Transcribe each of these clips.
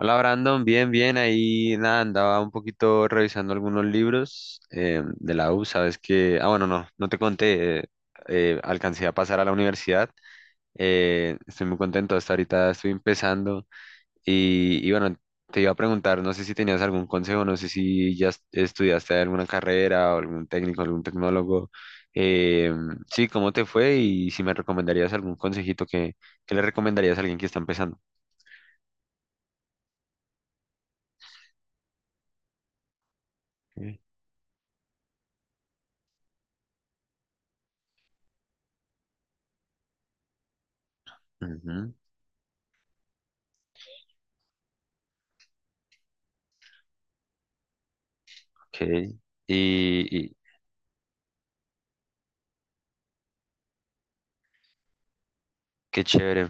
Hola Brandon, bien, bien, ahí nada, andaba un poquito revisando algunos libros de la U, sabes que, ah bueno, no, no te conté, alcancé a pasar a la universidad. Estoy muy contento, hasta ahorita estoy empezando, y bueno, te iba a preguntar, no sé si tenías algún consejo, no sé si ya estudiaste alguna carrera o algún técnico, algún tecnólogo. eh, sí, ¿cómo te fue? Y si me recomendarías algún consejito que le recomendarías a alguien que está empezando. Ok. Ujú. Ok, y qué chévere.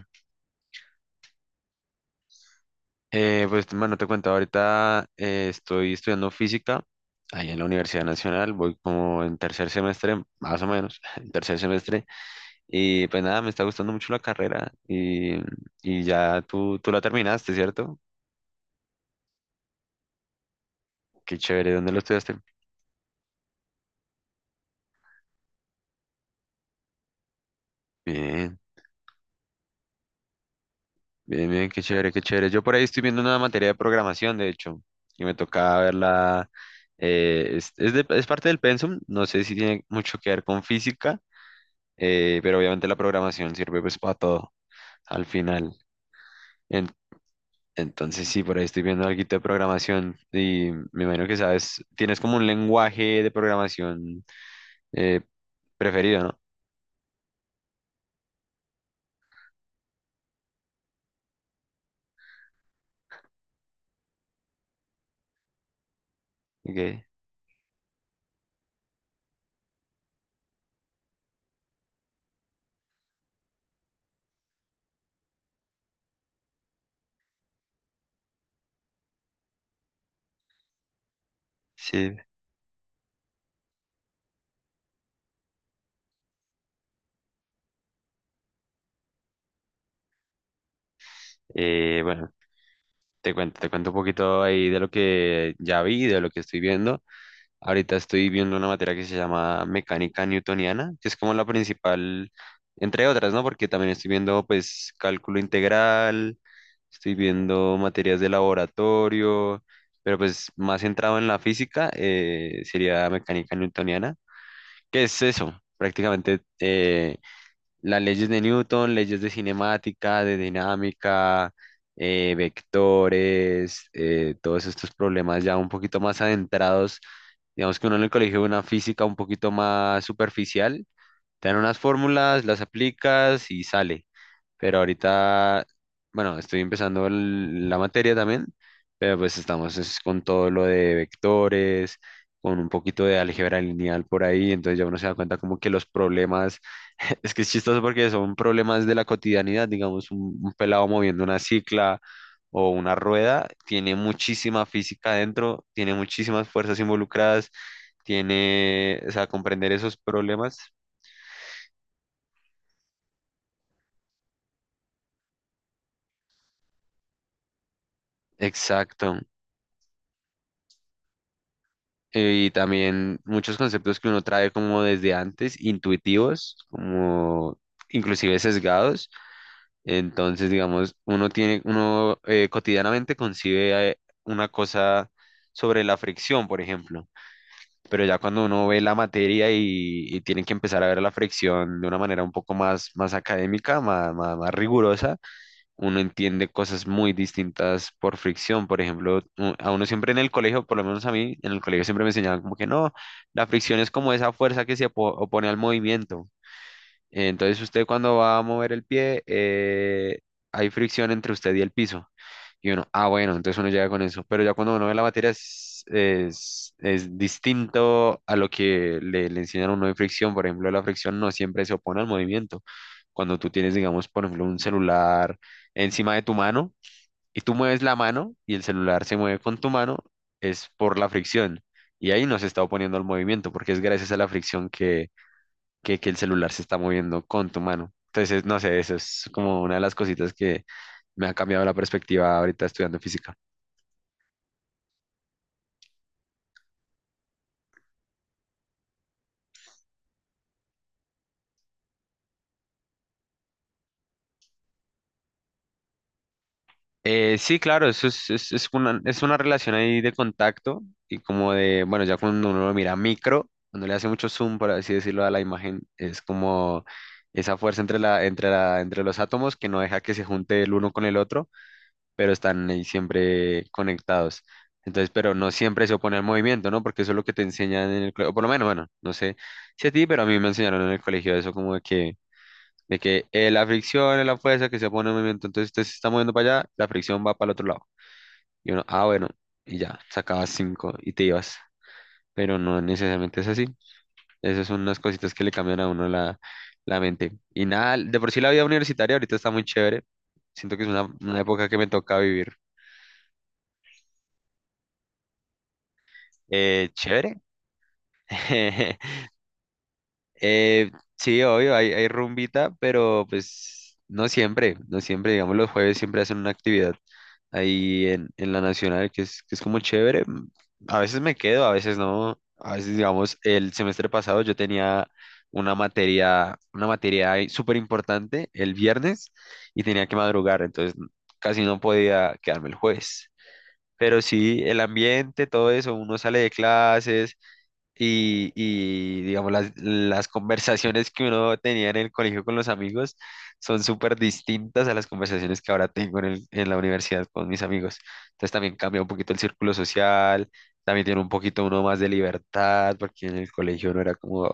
Pues, mano, te cuento, ahorita estoy estudiando física ahí en la Universidad Nacional, voy como en tercer semestre, más o menos, en tercer semestre, y pues nada, me está gustando mucho la carrera. Y y ya tú la terminaste, ¿cierto? Qué chévere, ¿dónde lo estudiaste? Bien, bien, bien, qué chévere, qué chévere. Yo por ahí estoy viendo una materia de programación, de hecho, y me toca verla. Es parte del pensum, no sé si tiene mucho que ver con física. Pero obviamente la programación sirve pues para todo al final. En- entonces sí, por ahí estoy viendo algo de programación y me imagino que sabes, tienes como un lenguaje de programación eh, preferido, ¿no? Ok, sí. Bueno, te cuento un poquito ahí de lo que ya vi, de lo que estoy viendo. Ahorita estoy viendo una materia que se llama mecánica newtoniana, que es como la principal, entre otras, ¿no? Porque también estoy viendo, pues, cálculo integral, estoy viendo materias de laboratorio, pero pues más centrado en la física sería mecánica newtoniana. ¿Qué es eso? Prácticamente las leyes de Newton, leyes de cinemática, de dinámica, vectores, todos estos problemas ya un poquito más adentrados. Digamos que uno en el colegio ve una física un poquito más superficial, te dan unas fórmulas, las aplicas y sale. Pero ahorita, bueno, estoy empezando la materia también, pero pues estamos es con todo lo de vectores, con un poquito de álgebra lineal por ahí, entonces ya uno se da cuenta como que los problemas, es que es chistoso porque son problemas de la cotidianidad, digamos, un pelado moviendo una cicla o una rueda, tiene muchísima física dentro, tiene muchísimas fuerzas involucradas, tiene, o sea, comprender esos problemas. Exacto. Y también muchos conceptos que uno trae como desde antes, intuitivos, como inclusive sesgados. Entonces, digamos, uno cotidianamente concibe una cosa sobre la fricción, por ejemplo. Pero ya cuando uno ve la materia y tiene que empezar a ver la fricción de una manera un poco más, más académica, más rigurosa, uno entiende cosas muy distintas por fricción. Por ejemplo, a uno siempre en el colegio, por lo menos a mí, en el colegio siempre me enseñaban como que no, la fricción es como esa fuerza que se opone al movimiento. Entonces usted cuando va a mover el pie, hay fricción entre usted y el piso. Y uno, ah, bueno, entonces uno llega con eso. Pero ya cuando uno ve la materia es distinto a lo que le, enseñan a uno de fricción. Por ejemplo, la fricción no siempre se opone al movimiento. Cuando tú tienes, digamos, por ejemplo, un celular encima de tu mano y tú mueves la mano y el celular se mueve con tu mano, es por la fricción. Y ahí no se está oponiendo al movimiento porque es gracias a la fricción que el celular se está moviendo con tu mano. Entonces, no sé, eso es como una de las cositas que me ha cambiado la perspectiva ahorita estudiando física. Sí, claro, eso es una relación ahí de contacto y como de, bueno, ya cuando uno lo mira micro, cuando le hace mucho zoom, por así decirlo, a la imagen, es como esa fuerza entre los átomos que no deja que se junte el uno con el otro pero están ahí siempre conectados. Entonces, pero no siempre se opone al movimiento, ¿no? Porque eso es lo que te enseñan en el colegio, por lo menos, bueno, no sé si a ti, pero a mí me enseñaron en el colegio eso como de que la fricción es la fuerza que se opone al movimiento, entonces usted se está moviendo para allá, la fricción va para el otro lado. Y uno, ah, bueno, y ya, sacabas cinco y te ibas, pero no necesariamente es así. Esas son unas cositas que le cambian a uno la mente. Y nada, de por sí la vida universitaria ahorita está muy chévere, siento que es una época que me toca vivir. Chévere. Eh, sí, obvio, hay, rumbita, pero pues no siempre, no siempre, digamos, los jueves siempre hacen una actividad ahí en la Nacional, que es como chévere. A veces me quedo, a veces no. A veces, digamos, el semestre pasado yo tenía una materia ahí súper importante el viernes y tenía que madrugar, entonces casi no podía quedarme el jueves. Pero sí, el ambiente, todo eso, uno sale de clases digamos, las conversaciones que uno tenía en el colegio con los amigos son súper distintas a las conversaciones que ahora tengo en en la universidad con mis amigos. Entonces también cambia un poquito el círculo social, también tiene un poquito uno más de libertad, porque en el colegio no era como,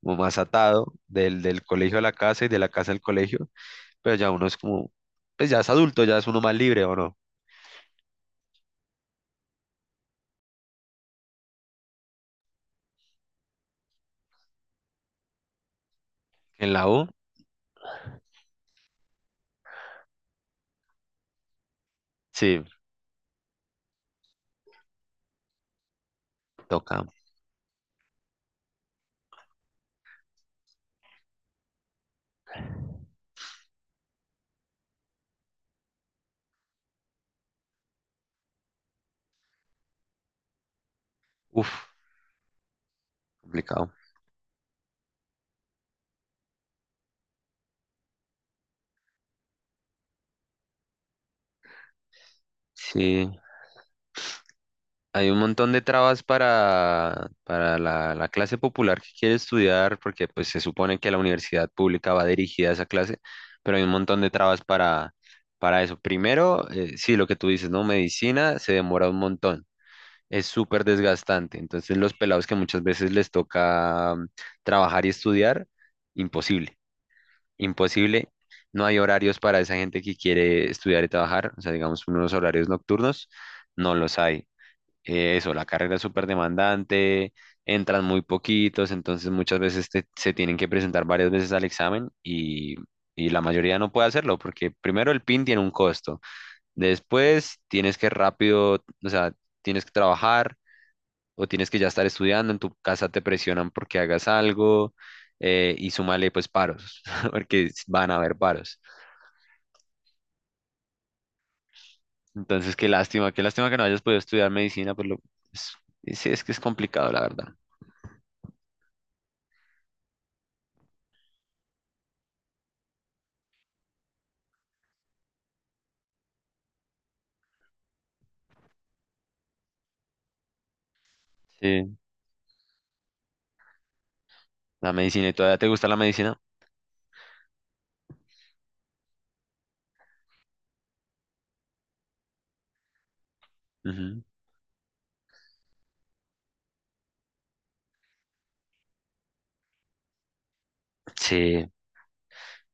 como más atado del colegio a la casa y de la casa al colegio, pero ya uno es como, pues ya es adulto, ya es uno más libre, ¿o no? En la U, sí, toca. Uf, complicado. Sí. Hay un montón de trabas para, para la clase popular que quiere estudiar, porque pues se supone que la universidad pública va dirigida a esa clase, pero hay un montón de trabas para eso. Primero, sí, lo que tú dices, ¿no? Medicina se demora un montón, es súper desgastante. Entonces los pelados que muchas veces les toca trabajar y estudiar, imposible, imposible. No hay horarios para esa gente que quiere estudiar y trabajar, o sea, digamos, unos horarios nocturnos, no los hay. Eso, la carrera es súper demandante, entran muy poquitos, entonces muchas veces se tienen que presentar varias veces al examen y la mayoría no puede hacerlo porque primero el PIN tiene un costo, después tienes que rápido, o sea, tienes que trabajar o tienes que ya estar estudiando, en tu casa te presionan porque hagas algo. Y súmale pues paros, porque van a haber paros. Entonces, qué lástima que no hayas podido estudiar medicina, pues es- sí, es que es complicado, la verdad. Sí. La medicina, ¿y todavía te gusta la medicina? Ujú. Sí,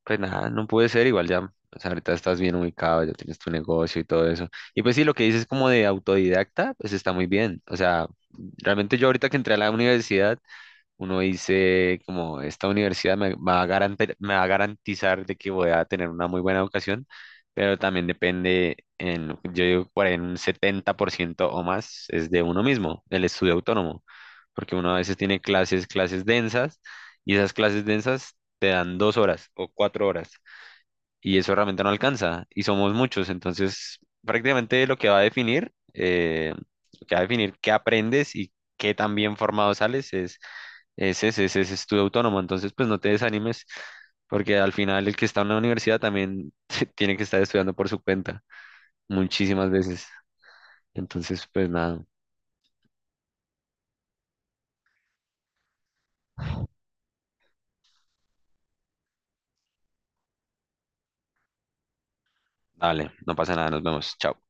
pues nada, no puede ser igual ya. O sea, ahorita estás bien ubicado, ya tienes tu negocio y todo eso. Y pues sí, lo que dices como de autodidacta, pues está muy bien. O sea, realmente yo ahorita que entré a la universidad, uno dice como esta universidad me va a me va a garantizar de que voy a tener una muy buena educación, pero también depende en, yo digo, por ahí en un 70% o más es de uno mismo, el estudio autónomo, porque uno a veces tiene clases densas, y esas clases densas te dan 2 horas o 4 horas y eso realmente no alcanza y somos muchos, entonces prácticamente lo que va a definir, lo que va a definir qué aprendes y qué tan bien formado sales es ese, ese es estudio autónomo, entonces pues no te desanimes porque al final el que está en una universidad también tiene que estar estudiando por su cuenta muchísimas veces, entonces pues nada, dale, no pasa nada, nos vemos, chao.